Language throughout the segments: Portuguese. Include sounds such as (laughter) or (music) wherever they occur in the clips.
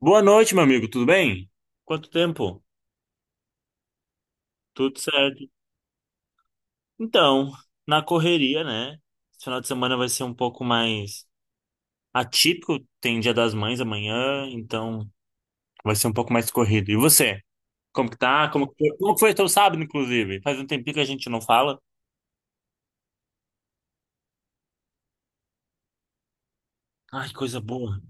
Boa noite, meu amigo, tudo bem? Quanto tempo? Tudo certo. Então, na correria, né? Esse final de semana vai ser um pouco mais atípico, tem Dia das Mães amanhã, então vai ser um pouco mais corrido. E você? Como que tá? Como que foi teu sábado, inclusive? Faz um tempinho que a gente não fala. Ai, coisa boa.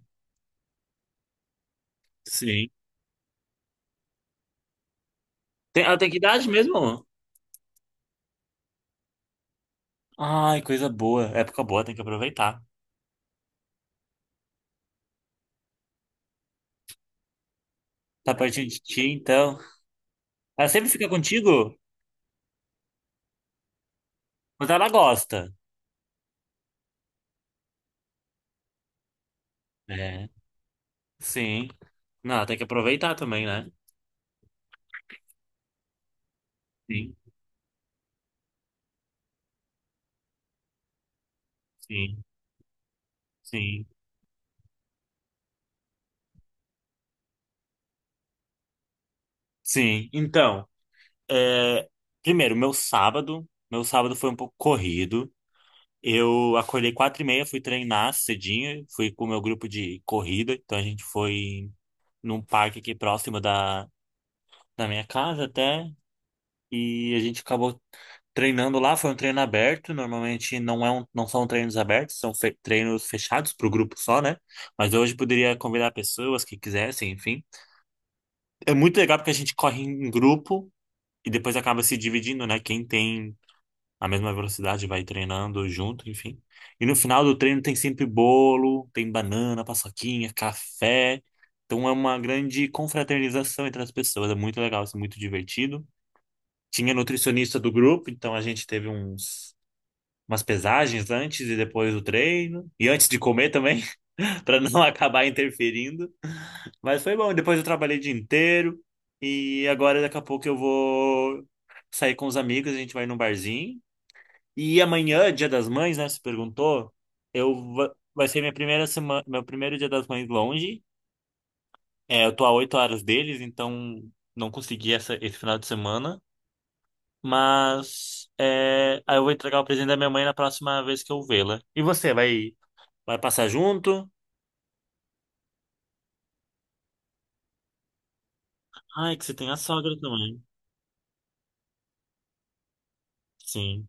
Sim. Ela tem que idade mesmo? Ai, coisa boa. Época boa, tem que aproveitar. Tá pertinho de ti, então. Ela sempre fica contigo, mas ela gosta. É. Sim. Não, tem que aproveitar também, né? Sim, sim, sim. Sim. Então, é, primeiro, meu sábado. Meu sábado foi um pouco corrido. Eu acordei 4h30, fui treinar cedinho, fui com o meu grupo de corrida. Então a gente foi num parque aqui próximo da minha casa até. E a gente acabou treinando lá. Foi um treino aberto, normalmente não são treinos abertos, são treinos fechados para o grupo só, né? Mas hoje poderia convidar pessoas que quisessem, enfim. É muito legal porque a gente corre em grupo e depois acaba se dividindo, né? Quem tem a mesma velocidade vai treinando junto, enfim. E no final do treino tem sempre bolo, tem banana, paçoquinha, café. Então é uma grande confraternização entre as pessoas. É muito legal, isso é muito divertido. Tinha nutricionista do grupo, então a gente teve umas pesagens antes e depois do treino. E antes de comer também, (laughs) para não acabar interferindo. Mas foi bom. Depois eu trabalhei o dia inteiro. E agora, daqui a pouco, eu vou sair com os amigos, a gente vai num barzinho. E amanhã, Dia das Mães, né? Você perguntou. Vai ser minha primeira semana, meu primeiro Dia das Mães longe. É, eu tô a 8 horas deles, então não consegui esse final de semana. Mas é, aí eu vou entregar o presente da minha mãe na próxima vez que eu vê-la. E você, vai passar junto? Ai, que você tem a sogra também. Sim.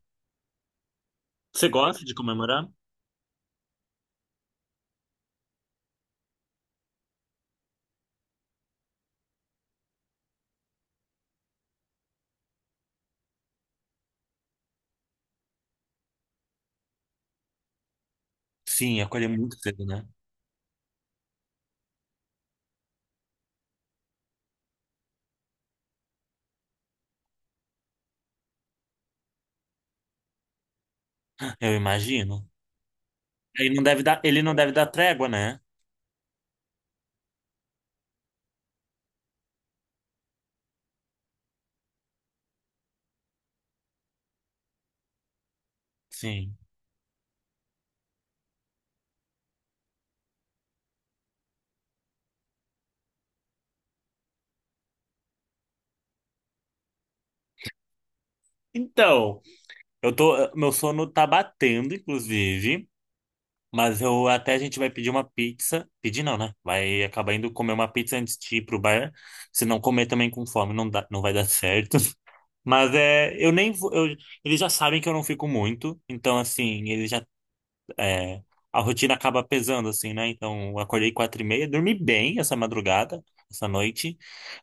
Você gosta de comemorar? Sim, acolher muito cedo, né? Eu imagino. Ele não deve dar trégua, né? Sim. Então, meu sono tá batendo, inclusive, mas eu até a gente vai pedir uma pizza. Pedir não, né? Vai acabar indo comer uma pizza antes de ir pro bar. Se não comer também com fome, não dá, não vai dar certo. Mas é, eu nem vou, eu- eles já sabem que eu não fico muito, então assim, é, a rotina acaba pesando assim, né? Então, eu acordei 4h30, dormi bem essa madrugada, essa noite,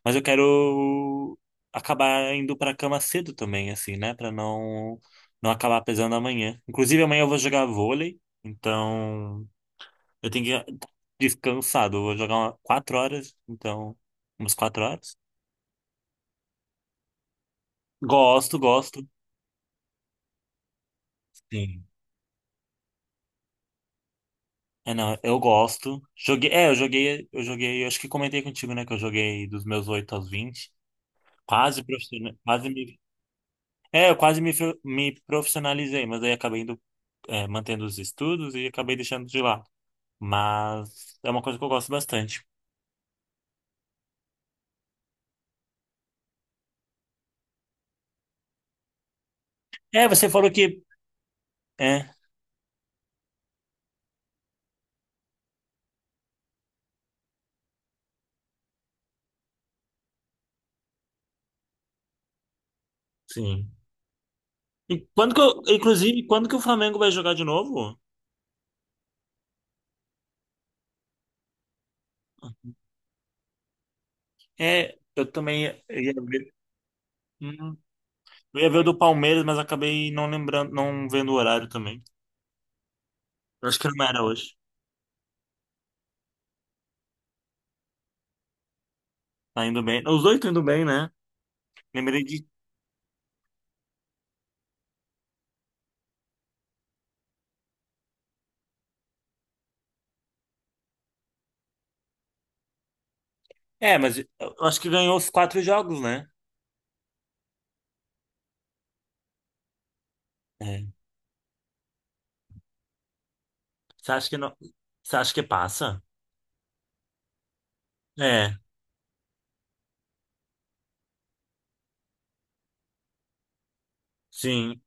mas eu quero acabar indo para cama cedo também, assim, né? Para não acabar pesando amanhã. Inclusive amanhã eu vou jogar vôlei, então eu tenho que ir descansado, eu vou jogar uma, 4 horas, então umas 4 horas. Gosto, gosto. Sim. É, não, eu gosto. Joguei, é, eu joguei, eu joguei, eu acho que comentei contigo, né, que eu joguei dos meus 8 aos 20. Quase profissional, quase me, é, Eu quase me profissionalizei, mas aí acabei indo, mantendo os estudos e acabei deixando de lado. Mas é uma coisa que eu gosto bastante. É, você falou que, é, Sim. E quando que o Flamengo vai jogar de novo? É, hum, eu ia ver o do Palmeiras, mas acabei não lembrando, não vendo o horário também. Eu acho que não era hoje. Tá indo bem. Os dois estão indo bem, né? Lembrei de. É, mas eu acho que ganhou os 4 jogos, né? É. Você acha que não. Você acha que passa? É, sim.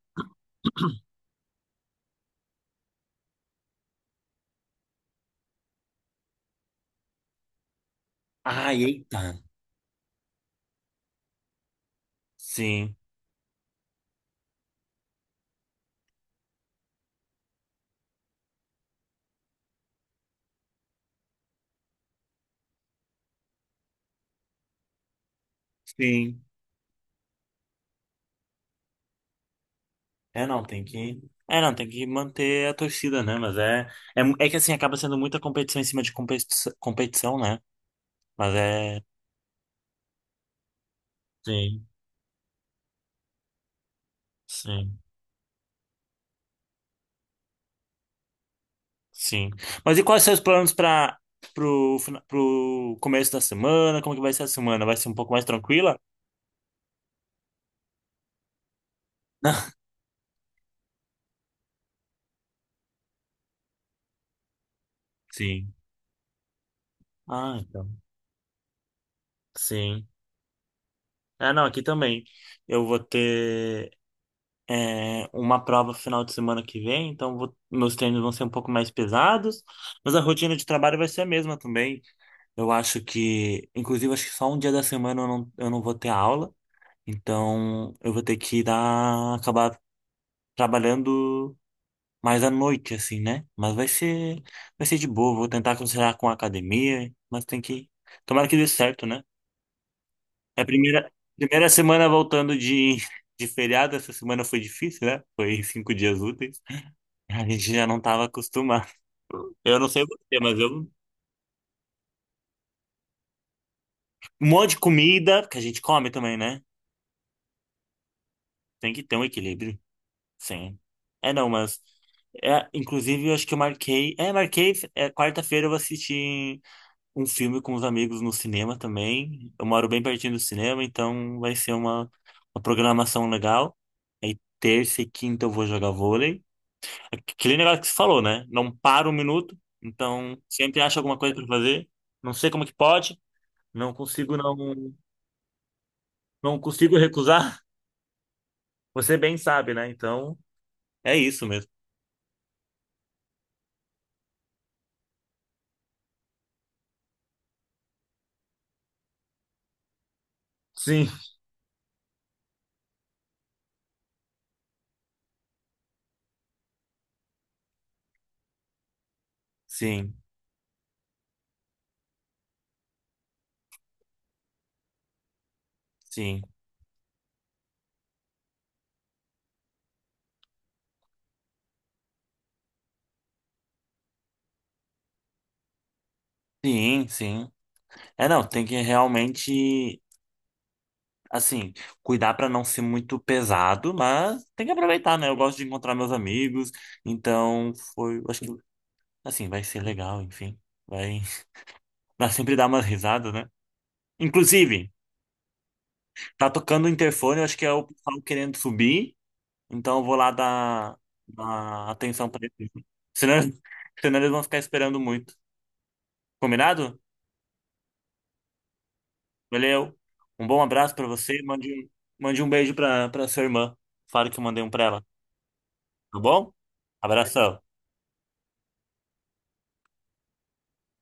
Ai, eita. Sim, sim. É, não, tem que. É, não, tem que manter a torcida, né? Mas é. É, é que assim, acaba sendo muita competição em cima de competição, competição, né? Mas é. Sim, sim, sim. Mas e quais são os planos para pro começo da semana? Como que vai ser a semana? Vai ser um pouco mais tranquila? Sim. Ah, então. Sim. É, não, aqui também. Eu vou ter uma prova final de semana que vem, então meus treinos vão ser um pouco mais pesados, mas a rotina de trabalho vai ser a mesma também. Eu acho que, inclusive, acho que só um dia da semana eu não vou ter aula, então eu vou ter que dar, acabar trabalhando mais à noite, assim, né? Vai ser de boa, vou tentar conciliar com a academia, mas tem que. Tomara que dê certo, né? É a primeira semana voltando de feriado, essa semana foi difícil, né? Foi (laughs) 5 dias úteis. A gente já não estava acostumado. Eu não sei você, mas eu. Um monte de comida, que a gente come também, né? Tem que ter um equilíbrio. Sim. É, não, mas. É, inclusive, eu acho que eu marquei. É, marquei. É, quarta-feira eu vou assistir um filme com os amigos no cinema também. Eu moro bem pertinho do cinema, então vai ser uma programação legal. Aí, terça e quinta eu vou jogar vôlei. Aquele negócio que você falou, né? Não para um minuto, então sempre acha alguma coisa para fazer. Não sei como que pode, não consigo não, não consigo recusar. (laughs) Você bem sabe, né? Então é isso mesmo. Sim, sim, sim, sim, sim. É, não, tem que realmente, assim, cuidar para não ser muito pesado, mas tem que aproveitar, né? Eu gosto de encontrar meus amigos, então foi, acho que, assim, vai ser legal, enfim. Vai, (laughs) vai sempre dar umas risadas, né? Inclusive. Tá tocando o interfone, eu acho que é o pessoal querendo subir, então eu vou lá dar atenção para eles. Senão, (laughs) senão eles vão ficar esperando muito. Combinado? Valeu. Um bom abraço para você. Mande um beijo para para sua irmã. Fala que eu mandei um para ela, tá bom? Abração.